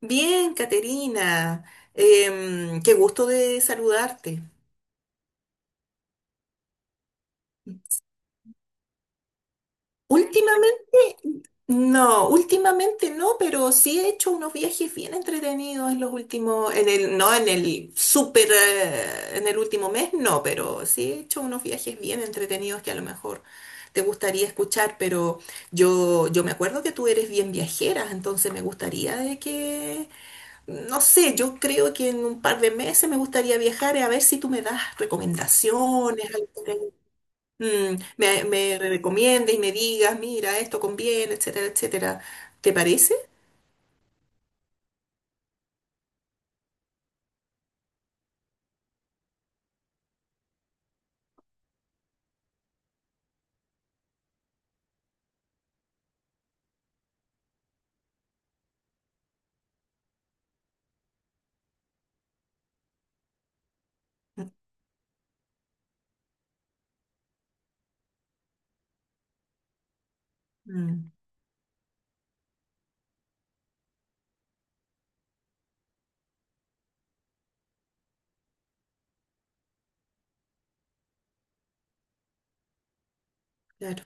Bien, Caterina, qué gusto de saludarte. Últimamente, no, últimamente no, pero sí he hecho unos viajes bien entretenidos en los últimos, en el, no en el súper, en el último mes, no, pero sí he hecho unos viajes bien entretenidos que a lo mejor te gustaría escuchar, pero yo me acuerdo que tú eres bien viajera, entonces me gustaría de que no sé, yo creo que en un par de meses me gustaría viajar a ver si tú me das recomendaciones, algo que me recomiendes y me digas, mira, esto conviene, etcétera, etcétera. ¿Te parece? Mm, claro,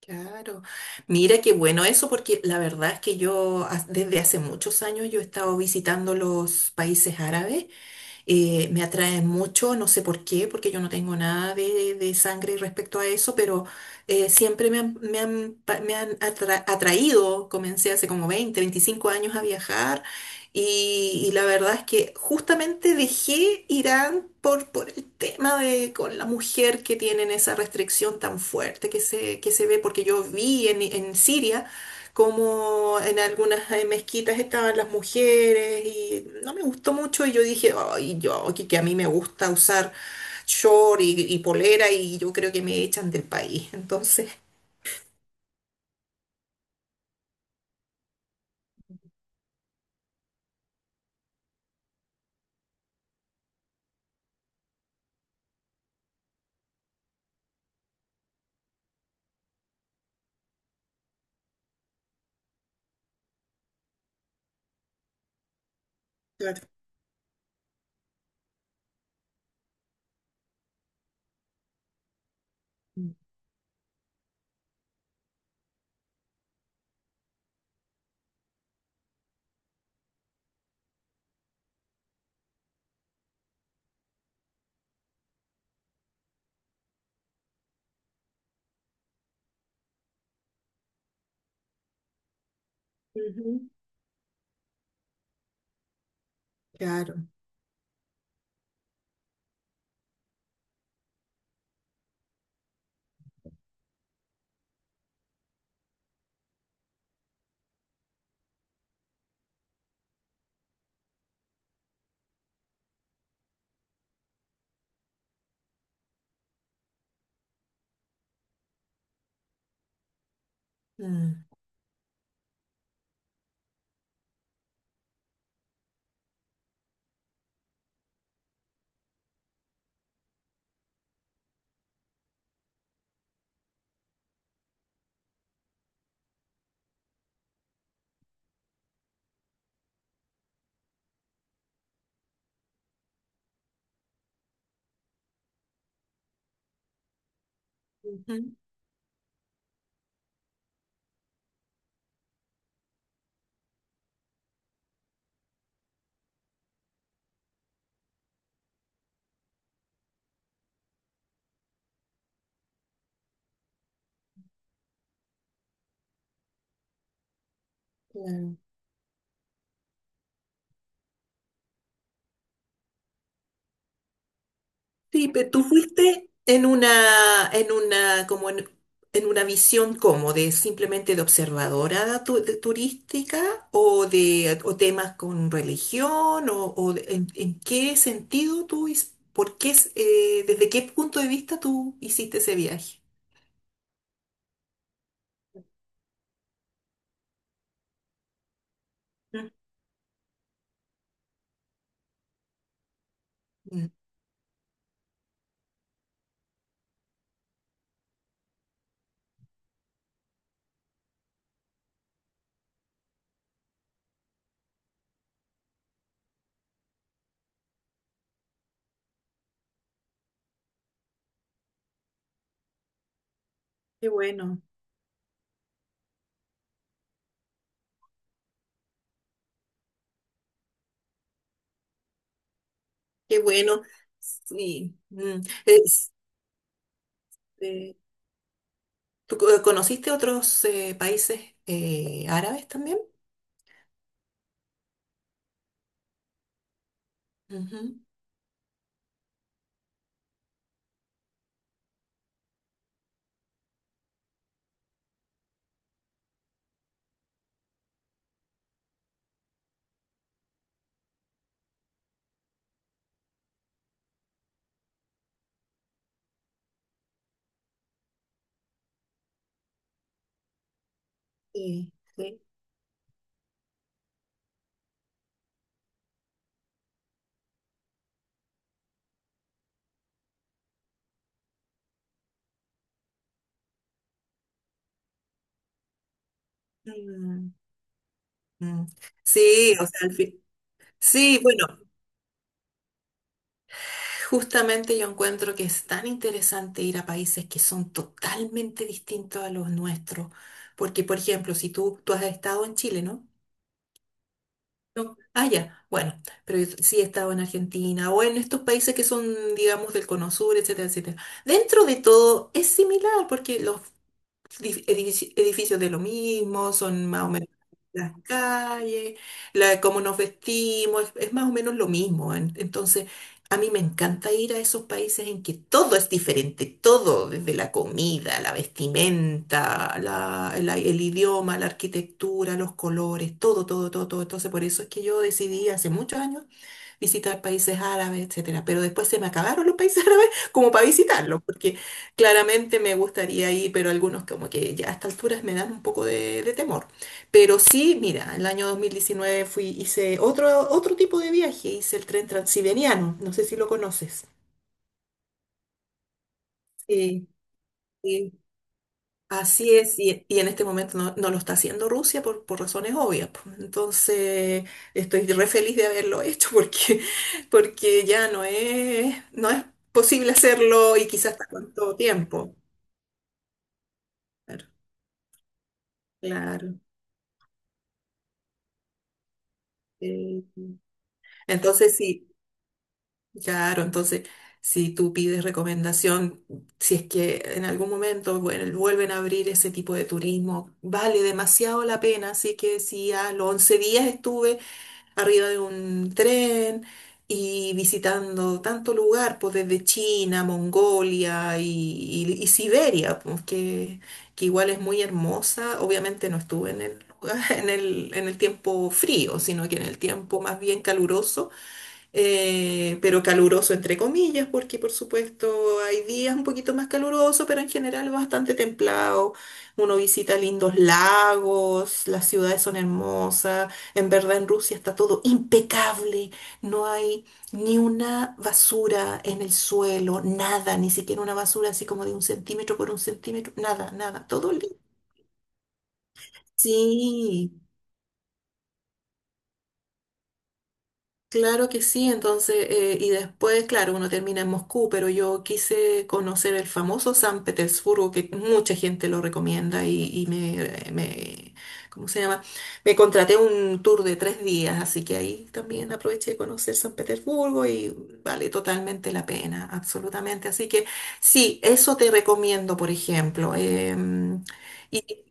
claro. Mira qué bueno eso, porque la verdad es que yo ha- desde hace muchos años yo he estado visitando los países árabes. Me atrae mucho, no sé por qué, porque yo no tengo nada de, de sangre respecto a eso, pero siempre me han pa- me han atra- atraído. Comencé hace como 20 25 años a viajar, y la verdad es que justamente dejé Irán por el tema de con la mujer que tienen esa restricción tan fuerte que se ve, porque yo vi en Siria, como en algunas mezquitas estaban las mujeres y no me gustó mucho, y yo dije, ay, yo aquí que a mí me gusta usar short y polera, y yo creo que me echan del país. Entonces, claro. Ujú, claro. Mm, ujú, claro. Sí, pero tú fuiste en una, como en una visión como de simplemente de observadora tu- de turística o de o temas con religión o de- en qué sentido tú, his- por qué, es- desde qué punto de vista tú hiciste ese viaje. Mm, mm. Qué bueno, qué bueno. Sí. Mm. Es- eh, ¿tú co- conociste otros países árabes también? Ujú, sí. Sí. Mm, mm. Sí, o sea, al fin- sí, bueno, justamente yo encuentro que es tan interesante ir a países que son totalmente distintos a los nuestros, porque, por ejemplo, si tú has estado en Chile, ¿no? No. Ah, ya, bueno, pero yo sí he estado en Argentina o en estos países que son, digamos, del Cono Sur, etcétera, etcétera. Dentro de todo es similar, porque los dif- edifici- edificios de lo mismo, son más o menos las calles, la, cómo nos vestimos, es más o menos lo mismo. En- entonces, a mí me encanta ir a esos países en que todo es diferente, todo, desde la comida, la vestimenta, la- el idioma, la arquitectura, los colores, todo, todo, todo, todo. Entonces, por eso es que yo decidí hace muchos años visitar países árabes, etcétera. Pero después se me acabaron los países árabes como para visitarlos, porque claramente me gustaría ir, pero algunos como que ya a estas alturas me dan un poco de temor. Pero sí, mira, el año 2019 fui, hice otro, otro tipo de viaje, hice el tren transiberiano, no sé si lo conoces. Sí. Sí, así es, y en este momento no, no lo está haciendo Rusia por razones obvias, pues. Entonces, estoy re feliz de haberlo hecho porque, porque ya no es, no es posible hacerlo y quizás hasta cuánto tiempo. Claro, claro. Sí. Entonces, sí, claro, entonces, si tú pides recomendación, si es que en algún momento, bueno, vuelven a abrir ese tipo de turismo, vale demasiado la pena. Así que si a los 11 días estuve arriba de un tren y visitando tanto lugar, pues desde China, Mongolia y Siberia, pues que igual es muy hermosa. Obviamente no estuve en el, lugar- en el tiempo frío, sino que en el tiempo más bien caluroso. Pero caluroso entre comillas, porque por supuesto hay días un poquito más caluroso, pero en general bastante templado. Uno visita lindos lagos, las ciudades son hermosas, en verdad en Rusia está todo impecable, no hay ni una basura en el suelo, nada, ni siquiera una basura así como de un centímetro por un centímetro, nada, nada, todo limpio. Sí, claro que sí. Entonces, y después, claro, uno termina en Moscú, pero yo quise conocer el famoso San Petersburgo, que mucha gente lo recomienda y me, ¿cómo se llama? Me contraté un tour de 3 días, así que ahí también aproveché de conocer San Petersburgo y vale totalmente la pena, absolutamente. Así que sí, eso te recomiendo, por ejemplo. Y,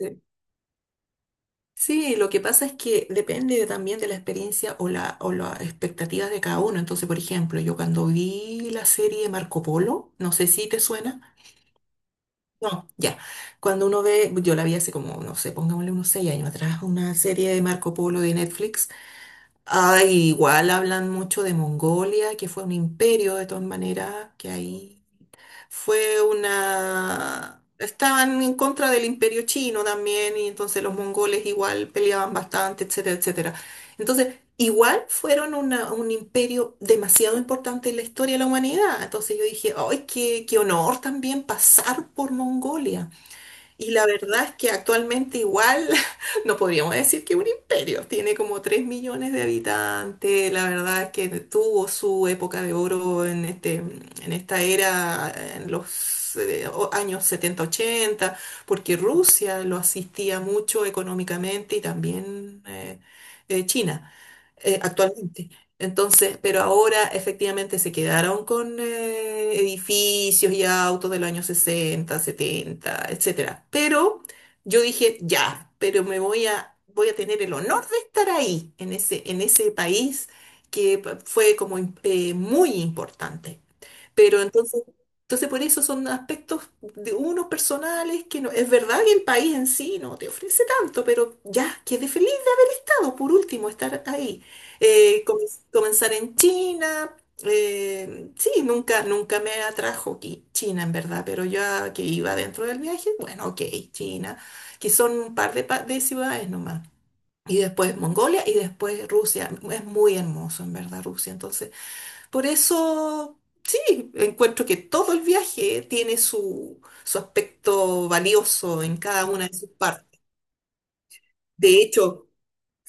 eh, Sí, lo que pasa es que depende también de la experiencia o la, o las expectativas de cada uno. Entonces, por ejemplo, yo cuando vi la serie Marco Polo, no sé si te suena. No, ya. Cuando uno ve, yo la vi hace como, no sé, pongámosle unos seis años atrás, una serie de Marco Polo de Netflix. Ah, igual hablan mucho de Mongolia, que fue un imperio de todas maneras, que ahí fue una... Estaban en contra del imperio chino también, y entonces los mongoles igual peleaban bastante, etcétera, etcétera. Entonces, igual fueron una- un imperio demasiado importante en la historia de la humanidad. Entonces yo dije, ¡ay, qué, qué honor también pasar por Mongolia! Y la verdad es que actualmente igual no podríamos decir que un imperio. Tiene como 3 millones de habitantes. La verdad es que tuvo su época de oro en este, en esta era, en los o- años 70 80, porque Rusia lo asistía mucho económicamente y también China actualmente. Entonces, pero ahora efectivamente se quedaron con edificios y autos de los años 60, 70, etcétera. Pero yo dije, ya, pero me voy a, voy a tener el honor de estar ahí, en ese país que pa- fue como im- muy importante. Pero entonces, entonces por eso son aspectos de unos personales que no, es verdad que el país en sí no te ofrece tanto, pero ya, quedé feliz por último, estar ahí. Com- comenzar en China. Sí, nunca, nunca me atrajo qui- China, en verdad, pero ya que iba dentro del viaje, bueno, ok, China, que son un par de, pa- de ciudades nomás. Y después Mongolia y después Rusia. Es muy hermoso, en verdad, Rusia. Entonces, por eso, sí, encuentro que todo el viaje tiene su, su aspecto valioso en cada una de sus partes. De hecho,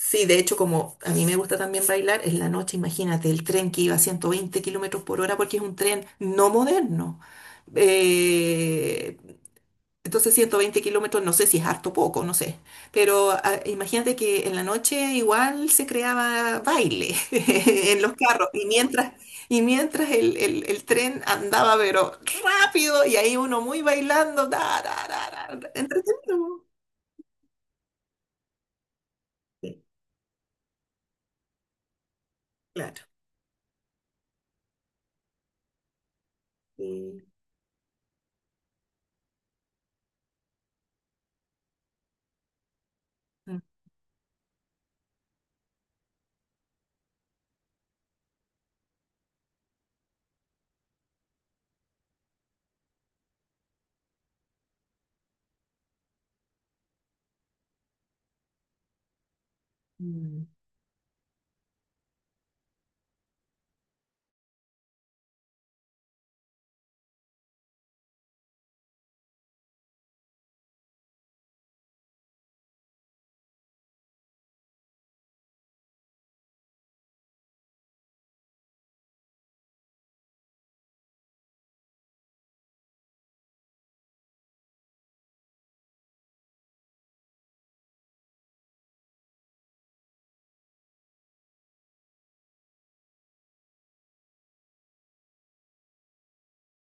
sí, de hecho, como a mí me gusta también bailar, en la noche, imagínate, el tren que iba a 120 km/h, porque es un tren no moderno. Eh, entonces, 120 km, no sé si es harto o poco, no sé. Pero ah, imagínate que en la noche igual se creaba baile en los carros y mientras el tren andaba, pero rápido y ahí uno muy bailando, da, da, da, da, da, entretenido. Sí, claro. Sí.